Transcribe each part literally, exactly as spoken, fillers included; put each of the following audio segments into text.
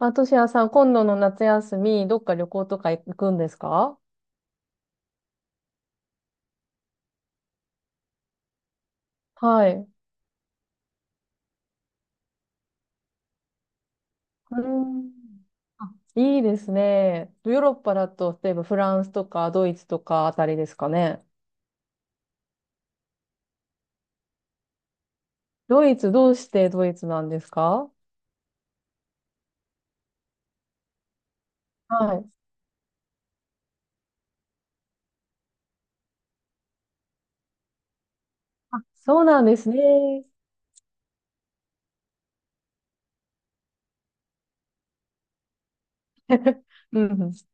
あ、としやさん、今度の夏休み、どっか旅行とか行くんですか？はい。うん。いいですね。ヨーロッパだと、例えばフランスとかドイツとかあたりですかね。ドイツ、どうしてドイツなんですか？はい。あ、そうなんですね。うんうん。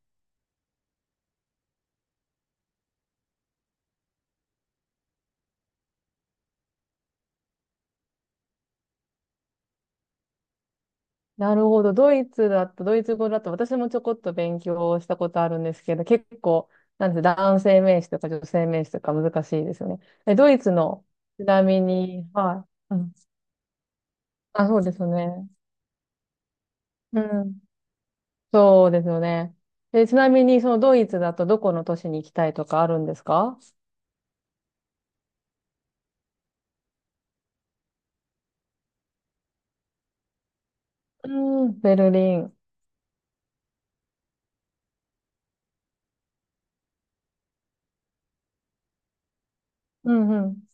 なるほど。ドイツだと、ドイツ語だと、私もちょこっと勉強したことあるんですけど、結構、なんて男性名詞とか女性名詞とか難しいですよね。え、ドイツの、ちなみに、はい。うん。あ、そうですよね。うん。そうですよね。で、ちなみに、そのドイツだとどこの都市に行きたいとかあるんですか？うん、ベルリン。うんうん。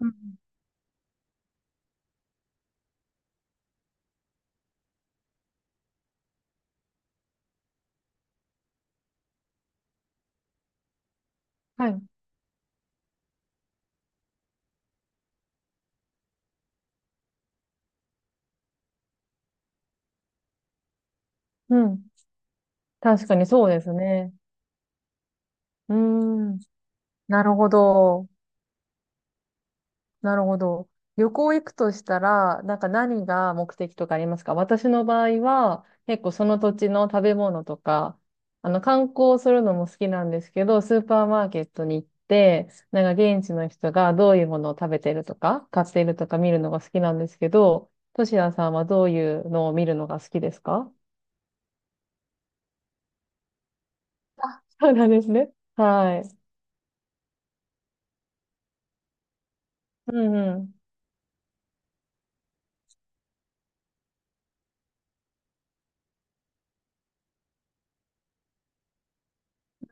うん。はい。うん。確かにそうですね。うん。なるほど。なるほど。旅行行くとしたら、なんか何が目的とかありますか？私の場合は、結構その土地の食べ物とか、あの、観光するのも好きなんですけど、スーパーマーケットに行って、なんか現地の人がどういうものを食べてるとか、買っているとか見るのが好きなんですけど、としやさんはどういうのを見るのが好きですか？そうなんですね。はい。うんうん。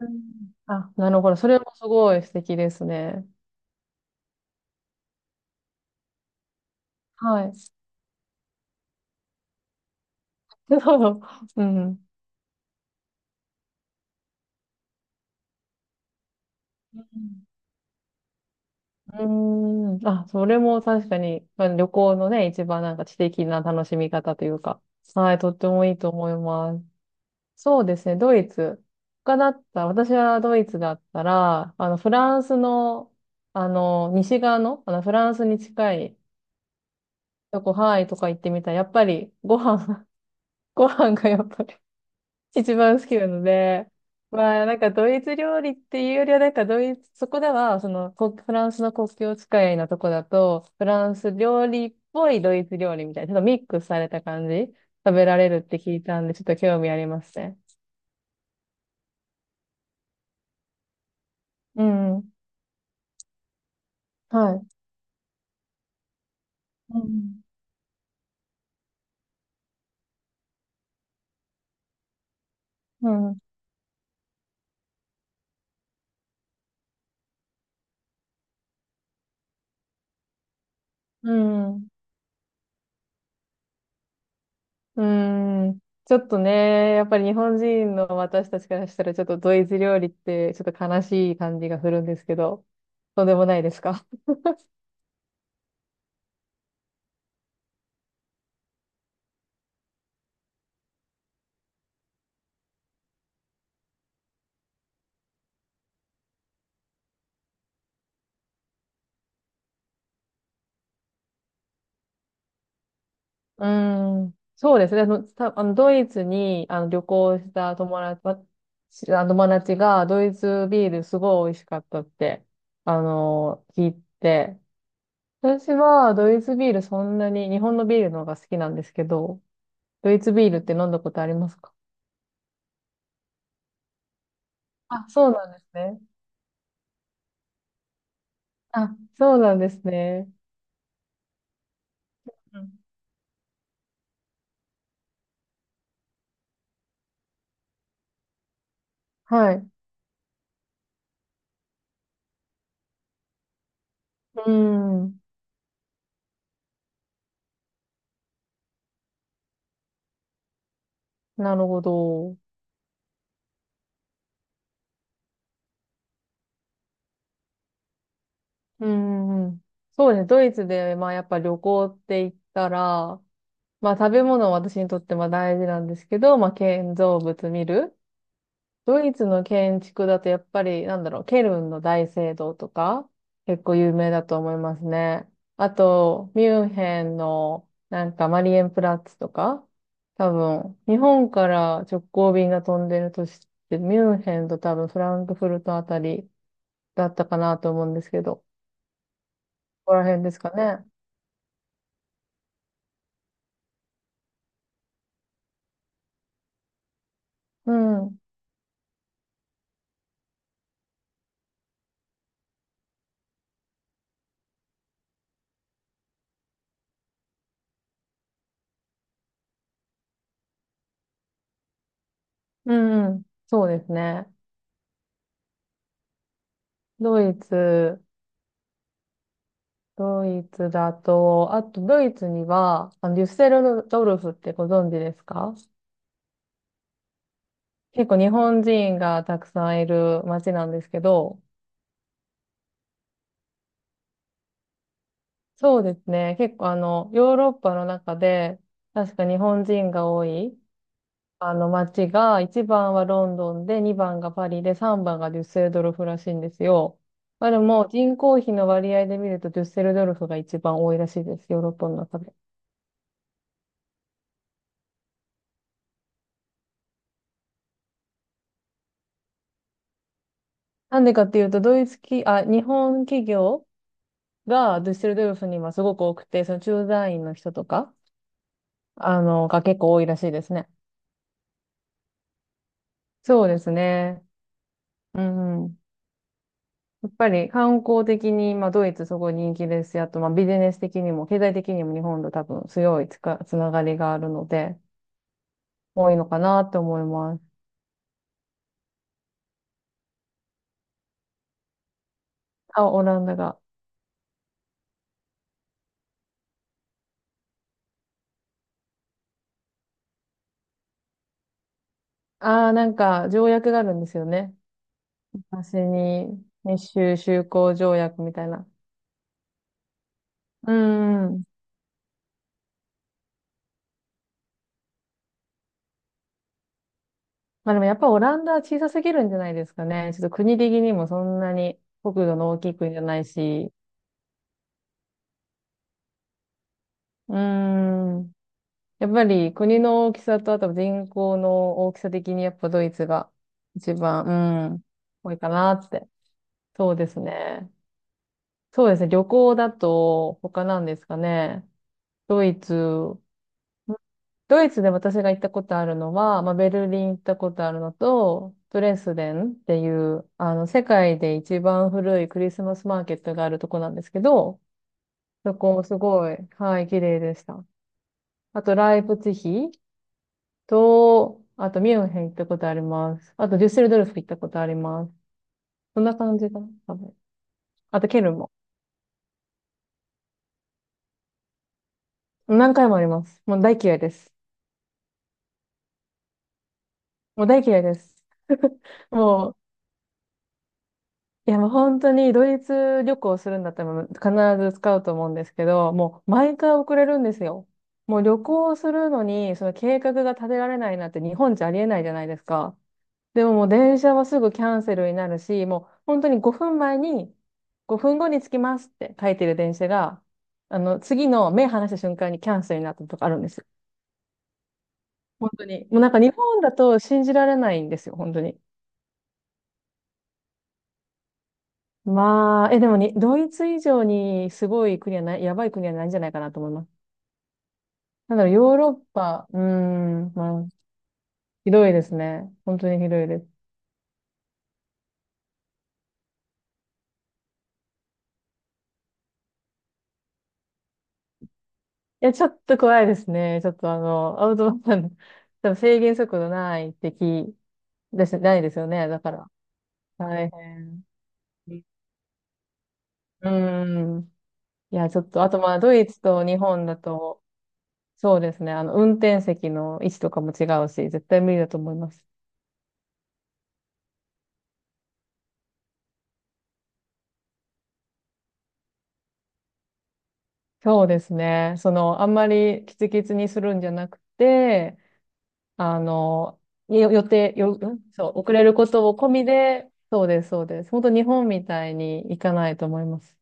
うん。あ、なるほど。それもすごい素敵ですね。はい。そう。うんうん。うん。うーん。あ、それも確かに、まあ、旅行のね、一番なんか知的な楽しみ方というか、はい、とってもいいと思います。そうですね、ドイツ。他だったら、私はドイツだったら、あの、フランスの、あの、西側の、あの、フランスに近いとこ、ハワイとか行ってみたら、やっぱりご飯、ご飯がやっぱり一番好きなので、まあなんかドイツ料理っていうよりはなんかドイツ、そこではそのこフランスの国境近いのとこだと、フランス料理っぽいドイツ料理みたいな、ちょっとミックスされた感じ、食べられるって聞いたんで、ちょっと興味ありますね。うん。はい。うん。うん。うん。うん。ちょっとね、やっぱり日本人の私たちからしたらちょっとドイツ料理ってちょっと悲しい感じがするんですけど、とんでもないですか？うーん、そうですね。あの、た、あの、ドイツに、あの、旅行した友達、わしあの友達が、ドイツビールすごい美味しかったって、あの、聞いて、私はドイツビールそんなに、日本のビールの方が好きなんですけど、ドイツビールって飲んだことありますか？あ、そうなんですね。あ、そうなんですね。うん。はい。うーん、なるほど。うんうんうん、そうですね。ドイツで、まあ、やっぱ旅行って言ったら、まあ食べ物は私にとってまあ大事なんですけど、まあ建造物見る。ドイツの建築だとやっぱりなんだろう、ケルンの大聖堂とか結構有名だと思いますね。あと、ミュンヘンのなんかマリエンプラッツとか、多分日本から直行便が飛んでるとして、ミュンヘンと多分フランクフルトあたりだったかなと思うんですけど、ここら辺ですかね。うん。うんうん。そうですね。ドイツ。ドイツだと、あとドイツには、あのデュッセルドルフってご存知ですか？結構日本人がたくさんいる街なんですけど、そうですね。結構あの、ヨーロッパの中で、確か日本人が多い、あの街が、いちばんはロンドンで、にばんがパリで、さんばんがデュッセルドルフらしいんですよ。まあでも、人口比の割合で見ると、デュッセルドルフが一番多いらしいです。ヨーロッパの中で。なんでかっていうと、ドイツ企、あ、日本企業、が、ドゥッセルドルフにはすごく多くて、その駐在員の人とか、あの、が結構多いらしいですね。そうですね。うんうん。やっぱり観光的に、まあ、ドイツすごい人気ですし、あと、まあ、ビジネス的にも、経済的にも日本と多分強いつか、つながりがあるので、多いのかなと思います。あ、オランダが。ああ、なんか、条約があるんですよね。私に、日中修好条約みたいな。うんうん。まあでもやっぱオランダは小さすぎるんじゃないですかね。ちょっと国的にもそんなに国土の大きい国じゃないし。うーん。やっぱり国の大きさとあと人口の大きさ的にやっぱドイツが一番、うん、多いかなって。そうですね。そうですね。旅行だと他なんですかね。ドイツ。ドイツで私が行ったことあるのは、まあ、ベルリン行ったことあるのと、ドレスデンっていう、あの、世界で一番古いクリスマスマーケットがあるとこなんですけど、そこもすごい、はい、綺麗でした。あと、ライプツィヒと、あと、ミュンヘン行ったことあります。あと、デュッセルドルフ行ったことあります。そんな感じかな、多分。あと、ケルンも。何回もあります。もう大嫌いです。もう大嫌いです。もういや、もう本当にドイツ旅行するんだったら必ず使うと思うんですけど、もう毎回遅れるんですよ。もう旅行するのに、その計画が立てられないなんて日本じゃありえないじゃないですか。でももう電車はすぐキャンセルになるし、もう本当にごふんまえに、ごふんごに着きますって書いてる電車が、あの、次の目離した瞬間にキャンセルになったとかあるんですよ。本当に。もうなんか日本だと信じられないんですよ、本当に。まあ、え、でもに、ドイツ以上にすごい国はない、やばい国はないんじゃないかなと思います。なんだろう、ヨーロッパ、うーん、まあ、ひどいですね。本当にひどいです。いや、ちょっと怖いですね。ちょっとあの、アウトバーン、多分制限速度ないってき、です、ないですよね。だから、大変。うーん。いや、ちょっと、あとまあ、ドイツと日本だと、そうですね。あの、運転席の位置とかも違うし、絶対無理だと思います。そうですね。その、あんまりキツキツにするんじゃなくて、あの、よ予定、よ、んそう、遅れることを込みで、そうです、そうです。本当日本みたいに行かないと思います。